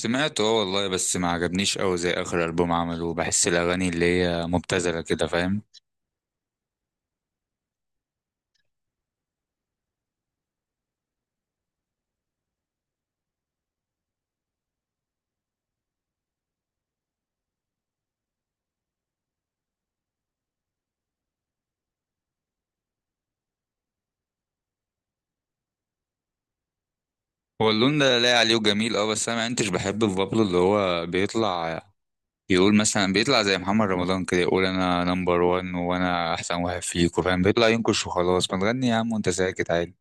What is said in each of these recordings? سمعته اه والله، بس ما عجبنيش قوي زي اخر البوم عمله. بحس الاغاني اللي هي مبتذله كده، فاهم؟ هو اللون ده لاقي عليه وجميل اه، بس انا ما كنتش بحب في بابلو اللي هو بيطلع يقول مثلا، بيطلع زي محمد رمضان كده، يقول انا نمبر وان وانا احسن واحد فيكوا، فاهم؟ بيطلع ينكش وخلاص. ما تغني يا عم وانت ساكت عادي.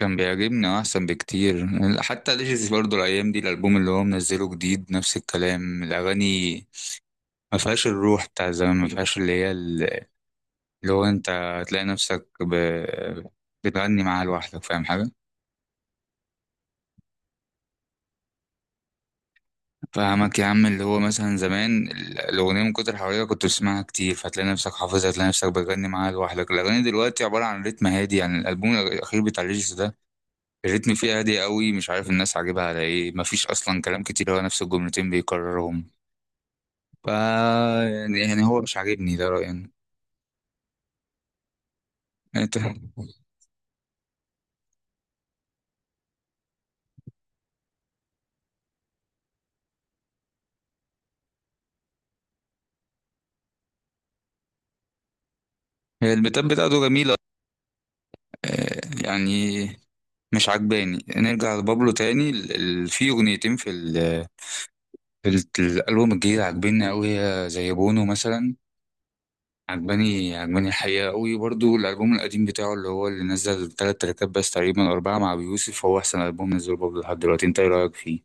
كان بيعجبني آه، احسن بكتير. حتى ليجيس برضه الايام دي الالبوم اللي هو منزله جديد، نفس الكلام. الاغاني ما فيهاش الروح بتاع زمان، ما فيهاش اللي هي لو انت هتلاقي نفسك بتغني معاها لوحدك، فاهم حاجة؟ فاهمك يا عم. اللي هو مثلا زمان الأغنية من كتر حواليها كنت بتسمعها كتير، فتلاقي نفسك حافظها، تلاقي نفسك بتغني معاها لوحدك. الأغاني دلوقتي عبارة عن رتم هادي، يعني الألبوم الأخير بتاع ليجيس ده الريتم فيه هادي قوي، مش عارف الناس عاجبها على ايه. مفيش أصلا كلام كتير، هو نفس الجملتين بيكررهم. فا يعني هو مش عاجبني، ده رأيي أنا. انت. هي البيتات بتاعته جميلة آه، يعني مش عجباني. نرجع لبابلو تاني. في اغنيتين في الالبوم الجديد عجباني قوي، هي زي بونو مثلا. عجباني الحقيقه قوي. برضو الالبوم القديم بتاعه اللي نزل ثلاث تراكات بس تقريبا أو اربعه مع ابي يوسف، هو احسن البوم نزله بابلو لحد دلوقتي. انت ايه رايك فيه؟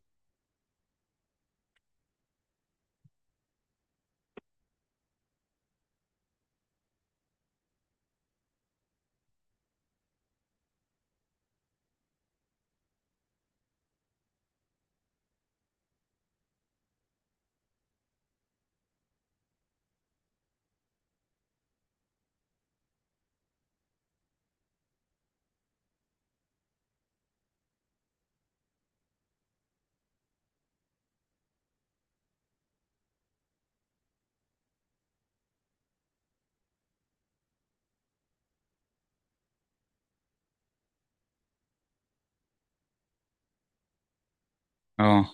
اه.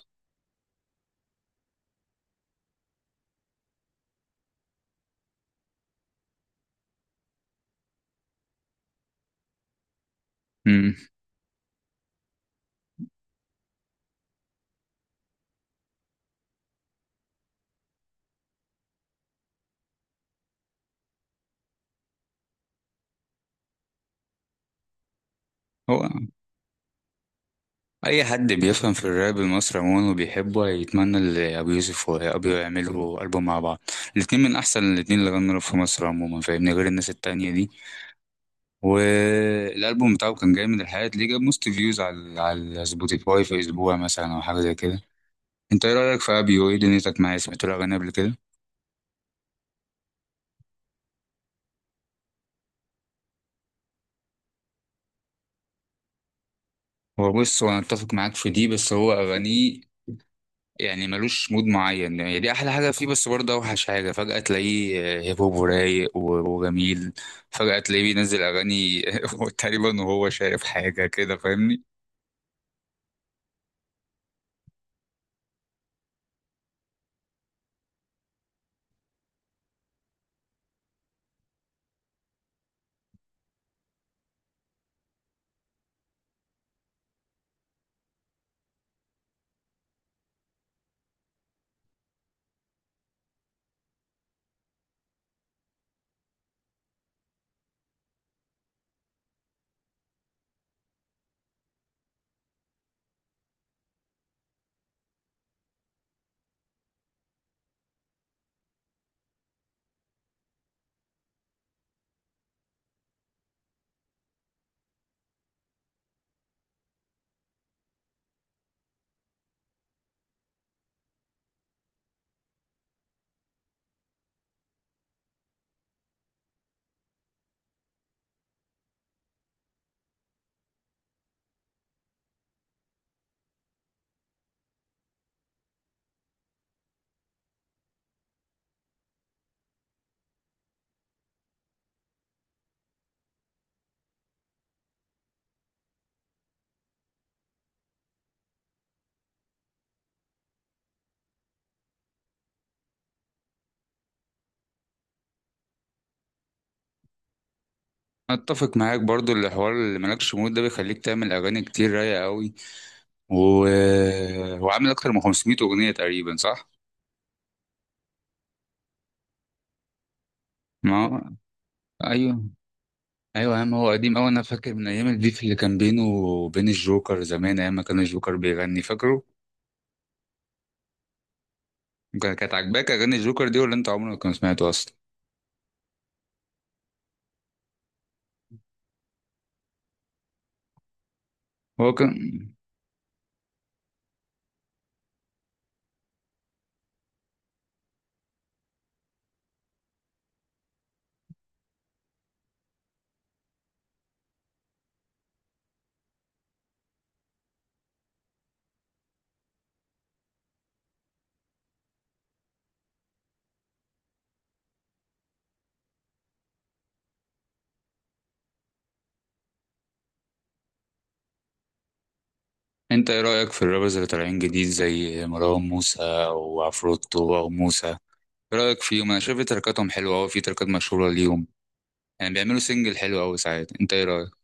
امم. هو اي حد بيفهم في الراب المصري عموما وبيحبه هيتمنى اللي ابو يوسف وابي يعملوا البوم مع بعض. الاتنين من احسن الاتنين اللي غنوا راب في مصر عموما، فاهمني؟ غير الناس التانية دي. والالبوم بتاعه كان جامد الحقيقه، ليه جاب موست فيوز على سبوتيفاي في اسبوع مثلا او حاجه زي كده. انت ايه رايك في ابيو؟ ايه دنيتك معاه؟ سمعت له اغاني قبل كده؟ هو بص، هو انا اتفق معاك في دي، بس هو اغانيه يعني ملوش مود معين، يعني دي احلى حاجه فيه بس برضه اوحش حاجه. فجاه تلاقيه هيب هوب ورايق وجميل. فجاه تلاقيه بينزل اغاني تقريبا وهو شايف حاجه كده، فاهمني؟ اتفق معاك برضه، الحوار اللي مالكش مود ده بيخليك تعمل اغاني كتير رايقه قوي. وهو عامل اكتر من 500 اغنيه تقريبا، صح؟ ما هو- ايوه. ايوه يا عم، هو قديم قوي. انا فاكر من ايام البيف اللي كان بينه وبين الجوكر زمان، ايام ما كان الجوكر بيغني، فاكره؟ كانت عاجباك اغاني الجوكر دي، ولا انت عمرك ما كنت سمعته اصلا؟ هو كان. انت ايه رايك في الرابرز اللي طالعين جديد زي مروان موسى وعفروتو او موسى؟ ايه رايك فيهم؟ انا شايف تركاتهم حلوه قوي، في تركات مشهوره ليهم. يعني بيعملوا سنجل حلو قوي ساعات. انت ايه رايك؟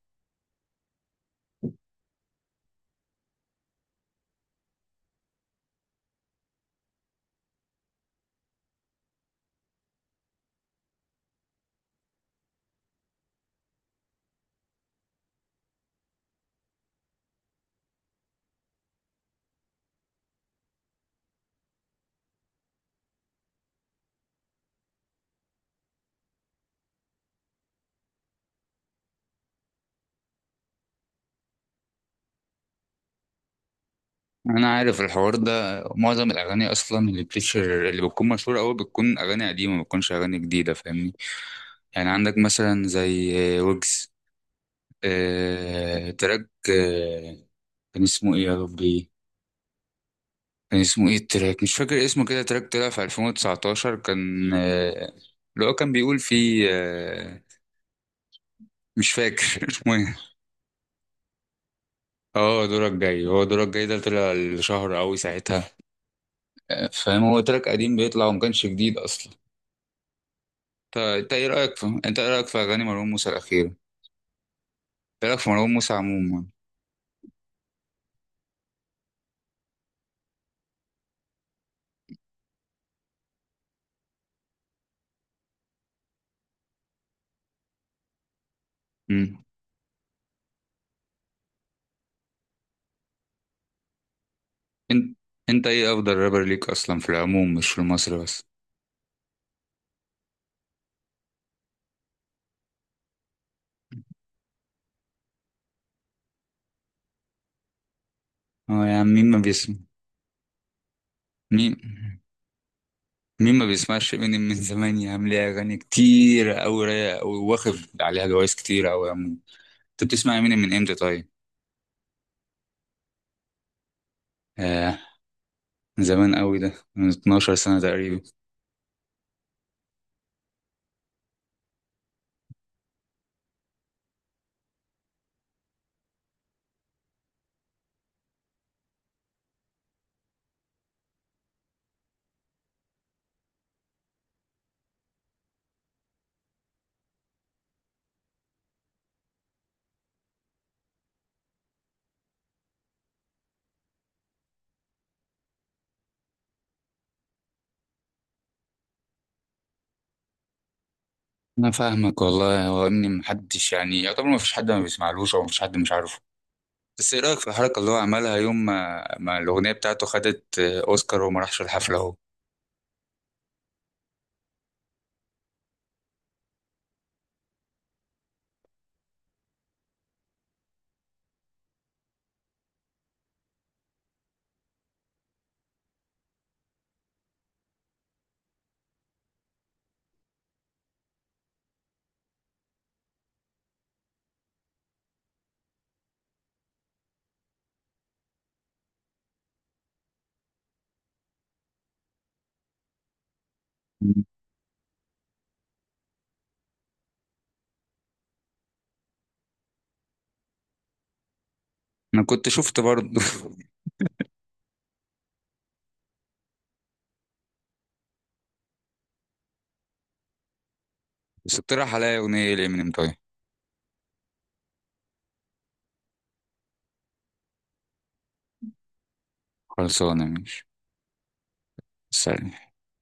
انا عارف الحوار ده. معظم الاغاني اصلا اللي بتشهر، اللي بتكون مشهوره قوي، بتكون اغاني قديمه، ما بتكونش اغاني جديده، فاهمني؟ يعني عندك مثلا زي ويجز. تراك، كان اسمه ايه يا ربي؟ كان اسمه ايه التراك؟ مش فاكر اسمه كده. تراك طلع في 2019، كان اللي هو كان بيقول فيه مش فاكر اسمه ايه. اه، دورك جاي. هو دورك جاي ده طلع الشهر قوي ساعتها. آه، فاهم. هو تراك قديم بيطلع وما كانش جديد اصلا. طيب انت ايه رايك في اغاني مروان موسى الاخيره؟ ايه رايك في مروان موسى عموما؟ امم. انت انت ايه افضل رابر ليك اصلا، في العموم مش في مصر بس؟ اه يا عم، مين ما بيسمع؟ مين مين ما بيسمعش امينيم من زمان يا عم؟ ليه اغاني كتير قوي رايقه قوي، واخد عليها جوايز كتير قوي يا عم. انت بتسمع امينيم من امتى طيب؟ آه، من زمان قوي ده، من 12 سنه تقريبا. انا فاهمك والله. هو امينيم محدش يعني يعتبر، ما فيش حد ما بيسمعلوش او ما فيش حد مش عارفه. بس ايه رأيك في الحركة اللي هو عملها يوم ما الأغنية بتاعته خدت أوسكار وما راحش الحفلة أهو؟ أنا كنت شفت برضه. بس اقترح عليا أغنية لإمينيم طيب. خلصانة، ماشي. سلام.